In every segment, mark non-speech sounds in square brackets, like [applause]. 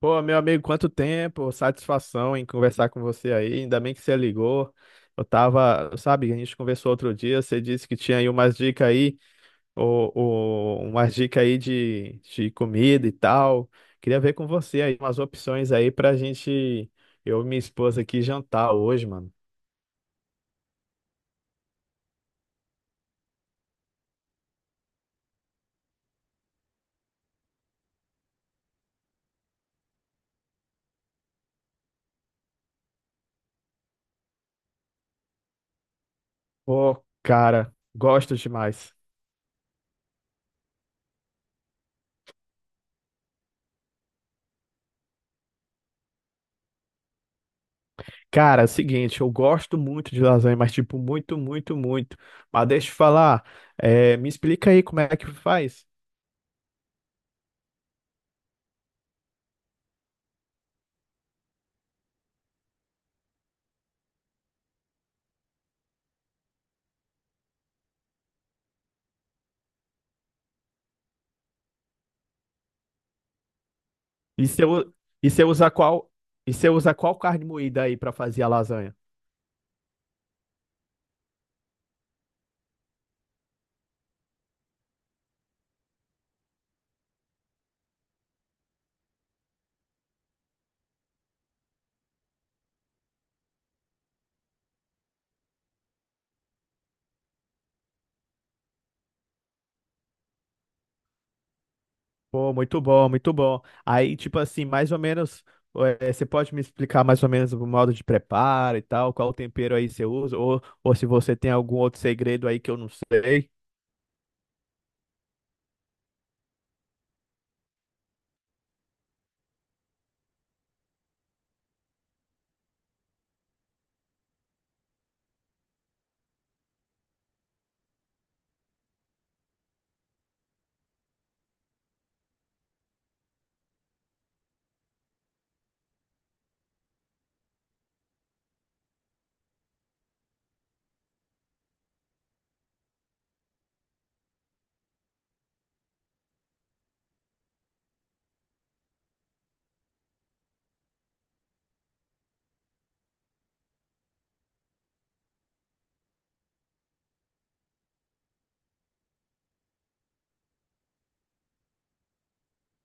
Pô, meu amigo, quanto tempo, satisfação em conversar com você aí. Ainda bem que você ligou. Eu tava, sabe, a gente conversou outro dia, você disse que tinha aí umas dicas aí, ou umas dicas aí de comida e tal. Queria ver com você aí umas opções aí pra gente, eu e minha esposa aqui jantar hoje, mano. Pô, cara, gosto demais. Cara, é o seguinte, eu gosto muito de lasanha, mas tipo, muito, muito, muito. Mas deixa eu falar, é, me explica aí como é que faz. E você, u- e você usa e você usa qual carne moída aí pra fazer a lasanha? Pô, muito bom, muito bom. Aí, tipo assim, mais ou menos, você pode me explicar mais ou menos o modo de preparo e tal, qual tempero aí você usa, ou se você tem algum outro segredo aí que eu não sei.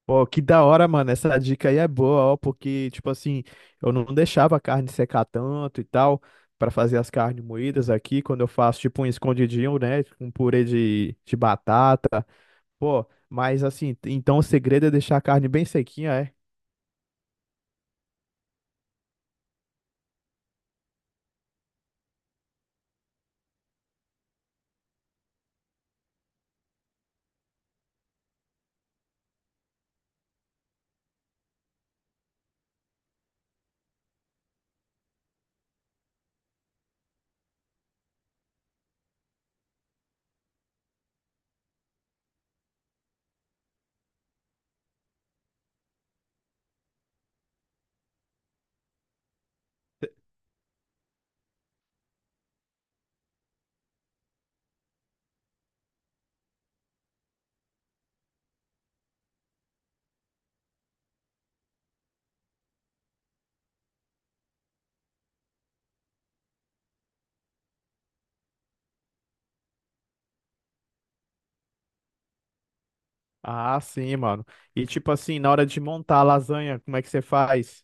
Pô, que da hora, mano, essa dica aí é boa, ó, porque, tipo assim, eu não deixava a carne secar tanto e tal, pra fazer as carnes moídas aqui, quando eu faço, tipo, um escondidinho, né, um purê de batata. Pô, mas assim, t- Então o segredo é deixar a carne bem sequinha, é? Ah, sim, mano. E tipo assim, na hora de montar a lasanha, como é que você faz?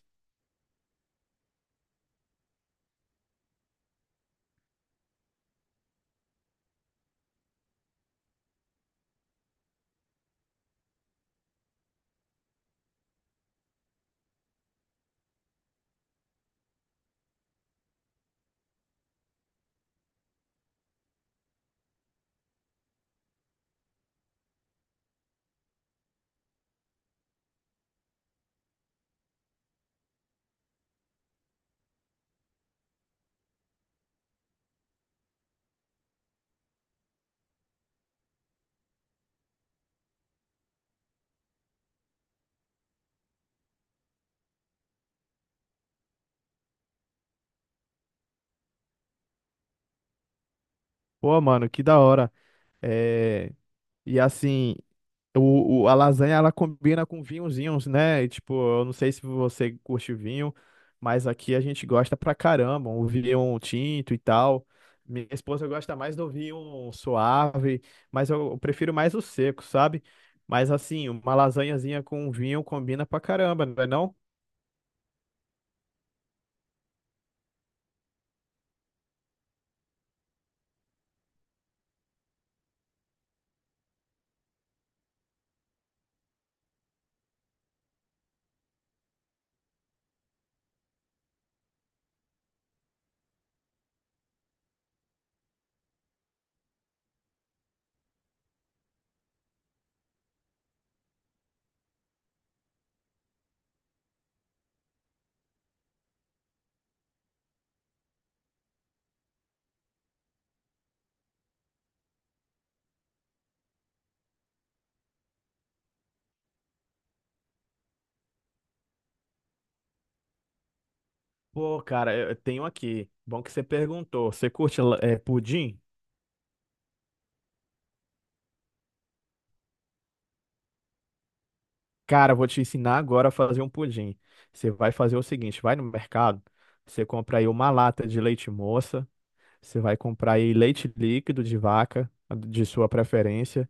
Pô, mano, que da hora. É... E assim. A lasanha ela combina com vinhozinhos, né? E, tipo, eu não sei se você curte vinho, mas aqui a gente gosta pra caramba, o vinho tinto e tal. Minha esposa gosta mais do vinho suave, mas eu prefiro mais o seco, sabe? Mas assim, uma lasanhazinha com vinho combina pra caramba, não é não? Pô, cara, eu tenho aqui. Bom que você perguntou. Você curte pudim? Cara, vou te ensinar agora a fazer um pudim. Você vai fazer o seguinte, vai no mercado, você compra aí uma lata de leite moça, você vai comprar aí leite líquido de vaca, de sua preferência.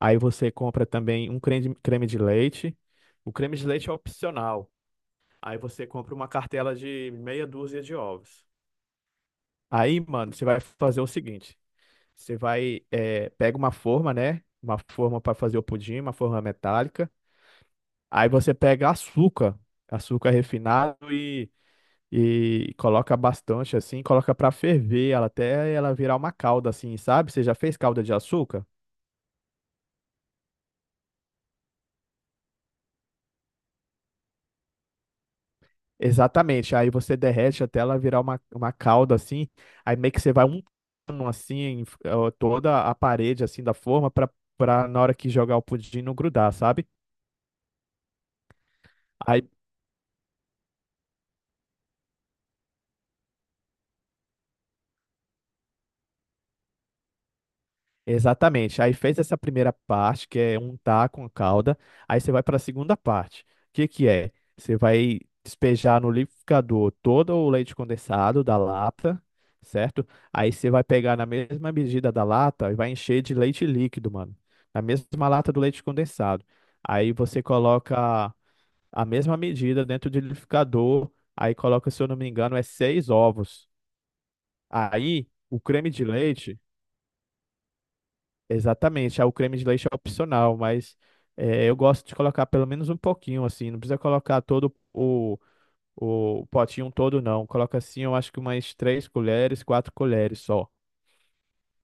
Aí você compra também um creme, creme de leite. O creme de leite é opcional. Aí você compra uma cartela de meia dúzia de ovos. Aí, mano, você vai fazer o seguinte, você vai, pega uma forma, né? Uma forma para fazer o pudim, uma forma metálica. Aí você pega açúcar, açúcar refinado e coloca bastante assim, coloca pra ferver ela até ela virar uma calda assim, sabe? Você já fez calda de açúcar? Exatamente. Aí você derrete até ela virar uma calda assim. Aí meio que você vai untando assim toda a parede assim da forma pra para na hora que jogar o pudim não grudar, sabe? Aí, exatamente. Aí fez essa primeira parte, que é untar com a calda. Aí você vai para a segunda parte. O que que é? Você vai despejar no liquidificador todo o leite condensado da lata, certo? Aí você vai pegar na mesma medida da lata e vai encher de leite líquido, mano. Na mesma lata do leite condensado. Aí você coloca a mesma medida dentro do liquidificador. Aí coloca, se eu não me engano, é seis ovos. Aí o creme de leite. Exatamente. Ah, o creme de leite é opcional, mas eu gosto de colocar pelo menos um pouquinho, assim, não precisa colocar o potinho todo, não. Coloca assim, eu acho que umas três colheres, quatro colheres só.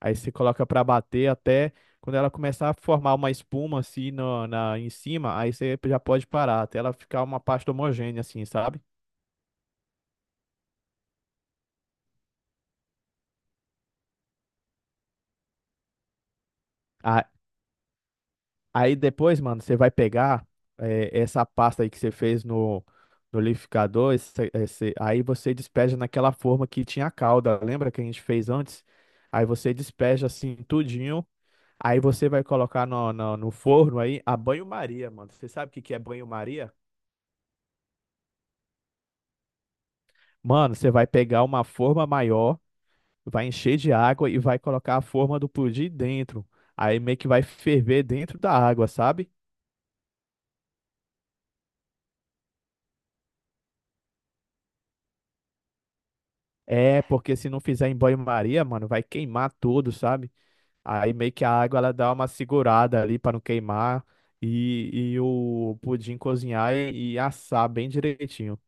Aí você coloca para bater até quando ela começar a formar uma espuma assim no, na, em cima, aí você já pode parar, até ela ficar uma pasta homogênea, assim, sabe? Ah, aí depois, mano, você vai pegar essa pasta aí que você fez no liquidificador, aí você despeja naquela forma que tinha a calda, lembra que a gente fez antes? Aí você despeja assim tudinho, aí você vai colocar no forno aí a banho-maria, mano. Você sabe o que que é banho-maria? Mano, você vai pegar uma forma maior, vai encher de água e vai colocar a forma do pudim dentro. Aí meio que vai ferver dentro da água, sabe? É, porque se não fizer em banho-maria, mano, vai queimar tudo, sabe? Aí meio que a água ela dá uma segurada ali pra não queimar e o pudim cozinhar e assar bem direitinho.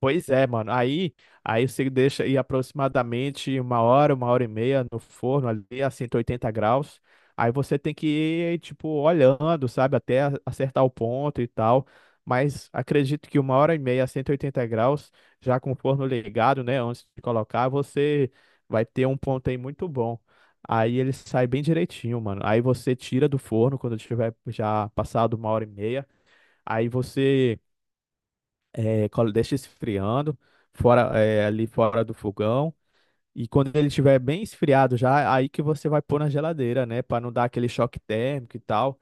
Pois é, mano. Aí, aí você deixa ir aproximadamente uma hora e meia no forno ali a 180 graus. Aí você tem que ir, tipo, olhando, sabe, até acertar o ponto e tal. Mas acredito que uma hora e meia a 180 graus, já com o forno ligado, né, antes de colocar, você vai ter um ponto aí muito bom. Aí ele sai bem direitinho, mano. Aí você tira do forno quando tiver já passado uma hora e meia. Aí você é, deixa esfriando fora é, ali fora do fogão, e quando ele estiver bem esfriado já aí que você vai pôr na geladeira, né, para não dar aquele choque térmico e tal.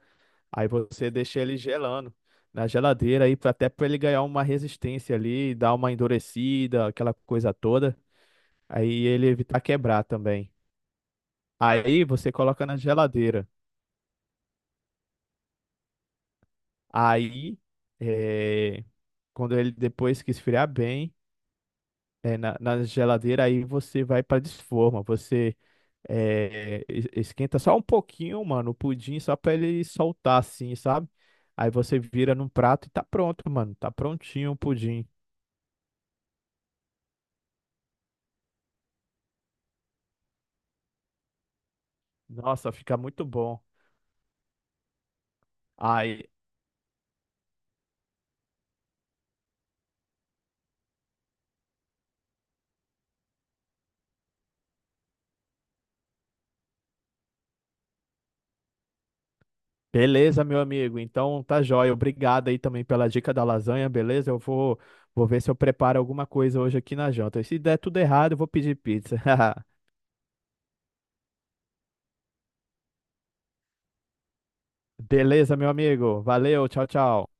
Aí você deixa ele gelando na geladeira aí até para ele ganhar uma resistência ali, dar uma endurecida, aquela coisa toda, aí ele evitar quebrar também. Aí você coloca na geladeira, aí é, quando ele depois que esfriar bem é, na geladeira, aí você vai para desforma você. É, esquenta só um pouquinho, mano, o pudim só pra ele soltar assim, sabe? Aí você vira num prato e tá pronto, mano. Tá prontinho o pudim. Nossa, fica muito bom. Aí, beleza, meu amigo. Então tá jóia. Obrigado aí também pela dica da lasanha, beleza? Eu vou, vou ver se eu preparo alguma coisa hoje aqui na janta. E se der tudo errado, eu vou pedir pizza. [laughs] Beleza, meu amigo. Valeu, tchau, tchau.